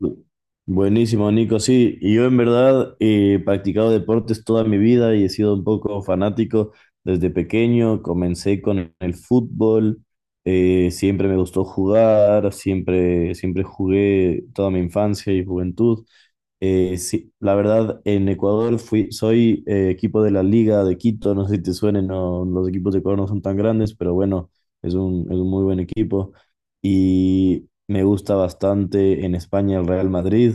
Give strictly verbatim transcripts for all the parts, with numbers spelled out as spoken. Bu- Buenísimo, Nico. Sí, y yo en verdad he practicado deportes toda mi vida y he sido un poco fanático desde pequeño. Comencé con el fútbol. Eh, siempre me gustó jugar, siempre, siempre jugué toda mi infancia y juventud. Eh, sí, la verdad, en Ecuador fui, soy eh, equipo de la Liga de Quito. No sé si te suenen, no, los equipos de Ecuador no son tan grandes, pero bueno, es un, es un muy buen equipo, y me gusta bastante en España el Real Madrid.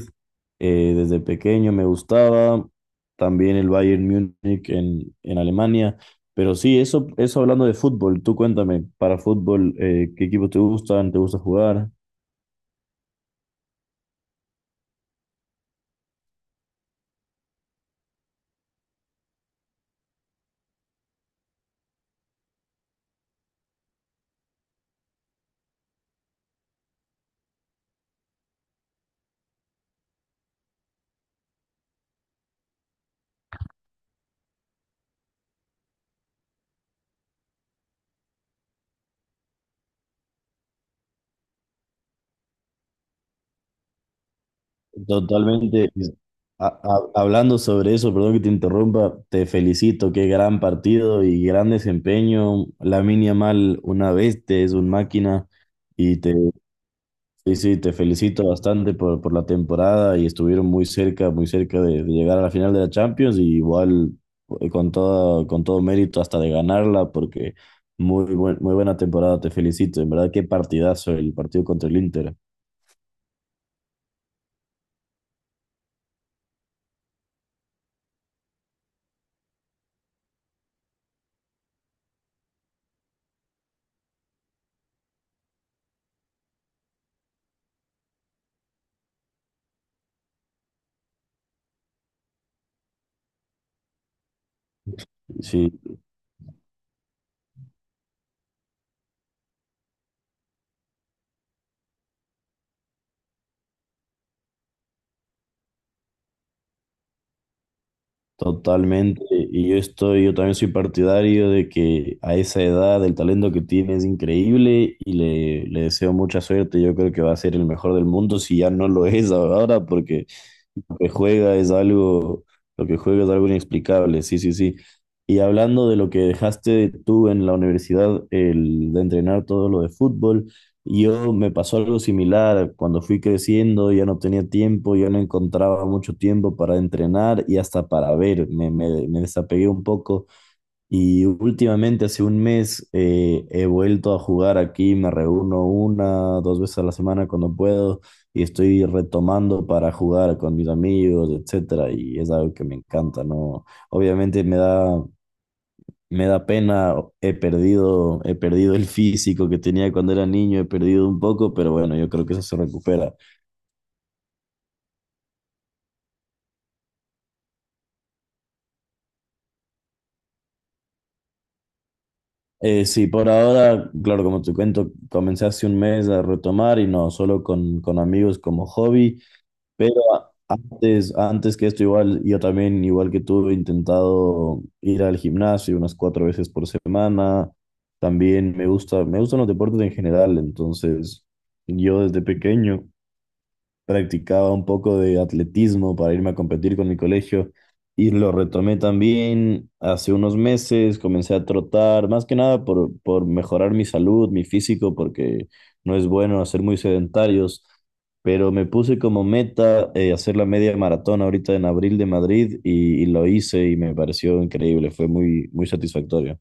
eh, Desde pequeño me gustaba, también el Bayern Múnich en, en Alemania. Pero sí, eso, eso hablando de fútbol, tú cuéntame, para fútbol, eh, ¿qué equipos te gustan? ¿Te gusta jugar? Totalmente. Ha- ha- hablando sobre eso, perdón que te interrumpa, te felicito, qué gran partido y gran desempeño. Lamine Yamal, una bestia, es un máquina y te, sí, sí, te felicito bastante por, por la temporada, y estuvieron muy cerca, muy cerca de, de llegar a la final de la Champions. Y igual, eh, con todo, con todo mérito hasta de ganarla, porque muy buen- muy buena temporada, te felicito. En verdad, qué partidazo el partido contra el Inter. Sí. Totalmente, y yo estoy, yo también soy partidario de que a esa edad el talento que tiene es increíble, y le, le deseo mucha suerte. Yo creo que va a ser el mejor del mundo si ya no lo es ahora, porque lo que juega es algo, lo que juega es algo inexplicable. Sí, sí, sí. Y hablando de lo que dejaste tú en la universidad, el de entrenar todo lo de fútbol, yo me pasó algo similar. Cuando fui creciendo, ya no tenía tiempo, ya no encontraba mucho tiempo para entrenar y hasta para ver. Me, me, me desapegué un poco, y últimamente, hace un mes, eh, he vuelto a jugar aquí. Me reúno una, dos veces a la semana cuando puedo, y estoy retomando para jugar con mis amigos, etcétera, y es algo que me encanta, ¿no? Obviamente me da, me da pena, he perdido, he perdido el físico que tenía cuando era niño, he perdido un poco, pero bueno, yo creo que eso se recupera. Eh, sí, por ahora, claro, como te cuento, comencé hace un mes a retomar y no, solo con, con amigos como hobby. Pero a- antes, antes que esto, igual, yo también, igual que tú, he intentado ir al gimnasio unas cuatro veces por semana. También me gusta, me gustan los deportes en general. Entonces, yo desde pequeño practicaba un poco de atletismo para irme a competir con mi colegio, y lo retomé también hace unos meses. Comencé a trotar, más que nada por, por mejorar mi salud, mi físico, porque no es bueno hacer muy sedentarios, pero me puse como meta eh, hacer la media maratón ahorita en abril de Madrid, y, y lo hice y me pareció increíble, fue muy, muy satisfactorio.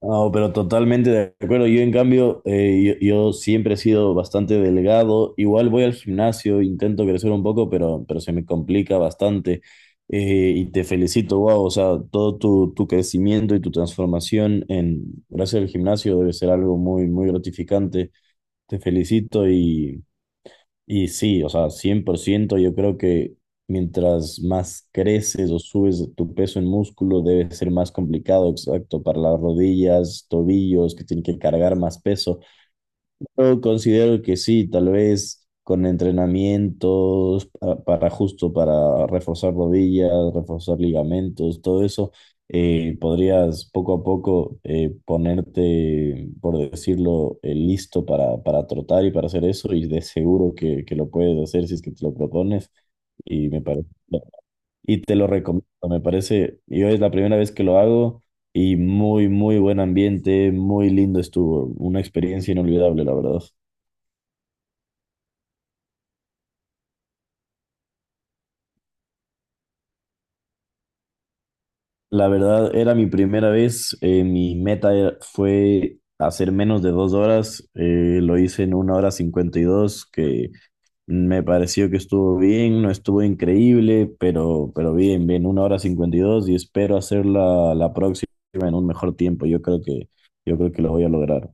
No, pero totalmente de acuerdo. Yo, en cambio, eh, yo, yo siempre he sido bastante delgado. Igual voy al gimnasio, intento crecer un poco, pero, pero se me complica bastante. Eh, y te felicito, wow. O sea, todo tu, tu crecimiento y tu transformación en, gracias al gimnasio, debe ser algo muy, muy gratificante. Te felicito. Y sí, o sea, cien por ciento yo creo que mientras más creces o subes tu peso en músculo, debe ser más complicado, exacto, para las rodillas, tobillos, que tienen que cargar más peso. Yo considero que sí, tal vez con entrenamientos pa- para, justo para reforzar rodillas, reforzar ligamentos, todo eso, eh, podrías poco a poco eh, ponerte, por decirlo, eh, listo para, para trotar y para hacer eso, y de seguro que, que lo puedes hacer si es que te lo propones, y me parece, y te lo recomiendo, me parece, yo es la primera vez que lo hago. Y muy, muy buen ambiente, muy lindo estuvo, una experiencia inolvidable, la verdad. La verdad, era mi primera vez. Eh, mi meta era- fue hacer menos de dos horas. Eh, lo hice en una hora cincuenta y dos, que me pareció que estuvo bien, no estuvo increíble, pero, pero bien, bien, una hora cincuenta y dos, y espero hacerla la próxima en un mejor tiempo. Yo creo que, yo creo que lo voy a lograr.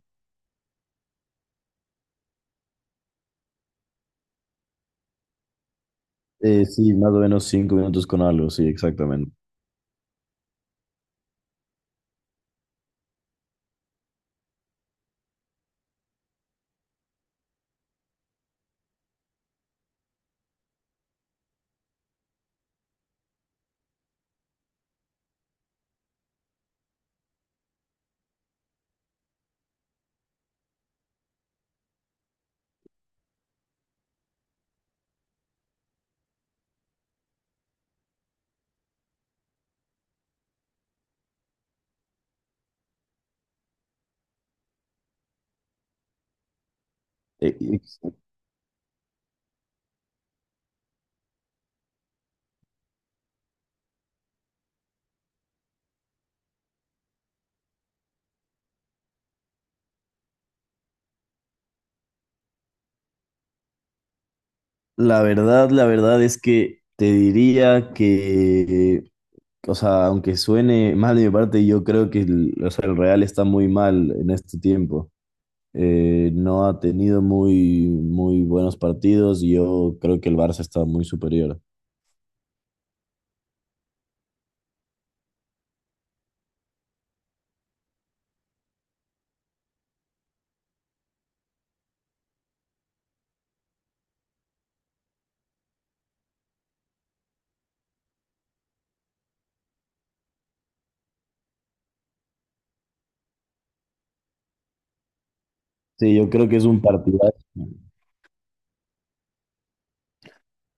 Eh, sí, más o menos cinco minutos con algo, sí, exactamente. Eh, ex- La verdad, la verdad es que te diría que, o sea, aunque suene mal de mi parte, yo creo que el, o sea, el Real está muy mal en este tiempo. Eh, no ha tenido muy, muy buenos partidos, y yo creo que el Barça está muy superior. Sí, yo creo que es un partidazo.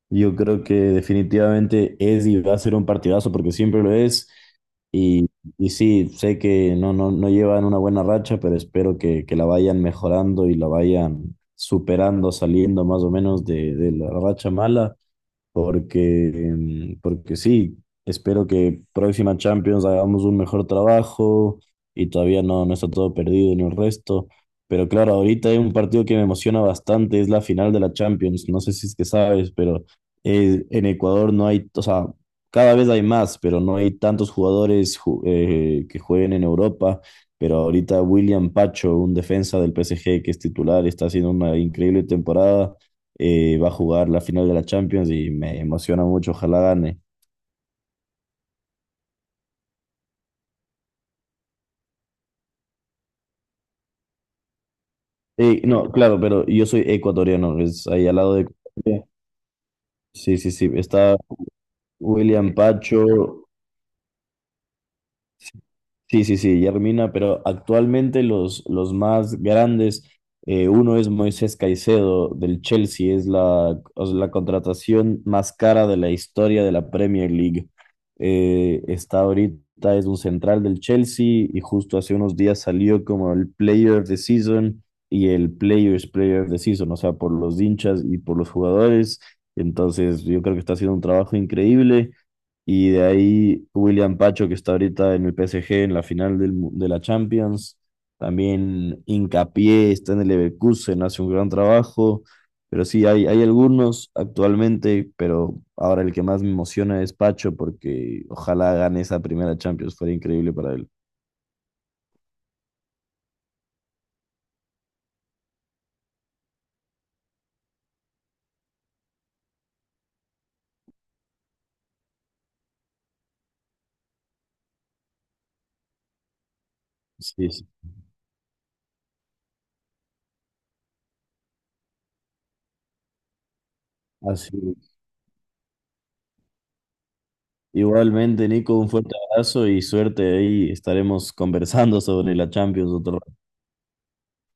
Yo creo que definitivamente es y va a ser un partidazo porque siempre lo es. Y, y sí, sé que no, no, no llevan una buena racha, pero espero que, que la vayan mejorando y la vayan superando, saliendo más o menos de, de la racha mala, porque, mm, porque sí, espero que próxima Champions hagamos un mejor trabajo, y todavía no, no está todo perdido en el resto. Pero claro, ahorita hay un partido que me emociona bastante, es la final de la Champions. No sé si es que sabes, pero eh, en Ecuador no hay, o sea, cada vez hay más, pero no hay tantos jugadores ju- eh, que jueguen en Europa. Pero ahorita William Pacho, un defensa del P S G que es titular, está haciendo una increíble temporada. Eh, va a jugar la final de la Champions y me emociona mucho, ojalá gane. Eh, no, claro, pero yo soy ecuatoriano, es ahí al lado de Colombia. Sí, sí, sí, está William Pacho. Sí, sí, sí, Yermina, pero actualmente los, los más grandes, eh, uno es Moisés Caicedo del Chelsea, es la, o sea, la contratación más cara de la historia de la Premier League. Eh, está ahorita, es un central del Chelsea, y justo hace unos días salió como el Player of the Season y el Players Player of the Season, o sea, por los hinchas y por los jugadores. Entonces, yo creo que está haciendo un trabajo increíble. Y de ahí William Pacho, que está ahorita en el P S G en la final del mu- de la Champions. También Hincapié está en el Leverkusen, hace un gran trabajo. Pero sí, hay, hay algunos actualmente, pero ahora el que más me emociona es Pacho, porque ojalá gane esa primera Champions, fuera increíble para él. Sí, sí, así es. Igualmente, Nico, un fuerte abrazo y suerte. Ahí estaremos conversando sobre la Champions otro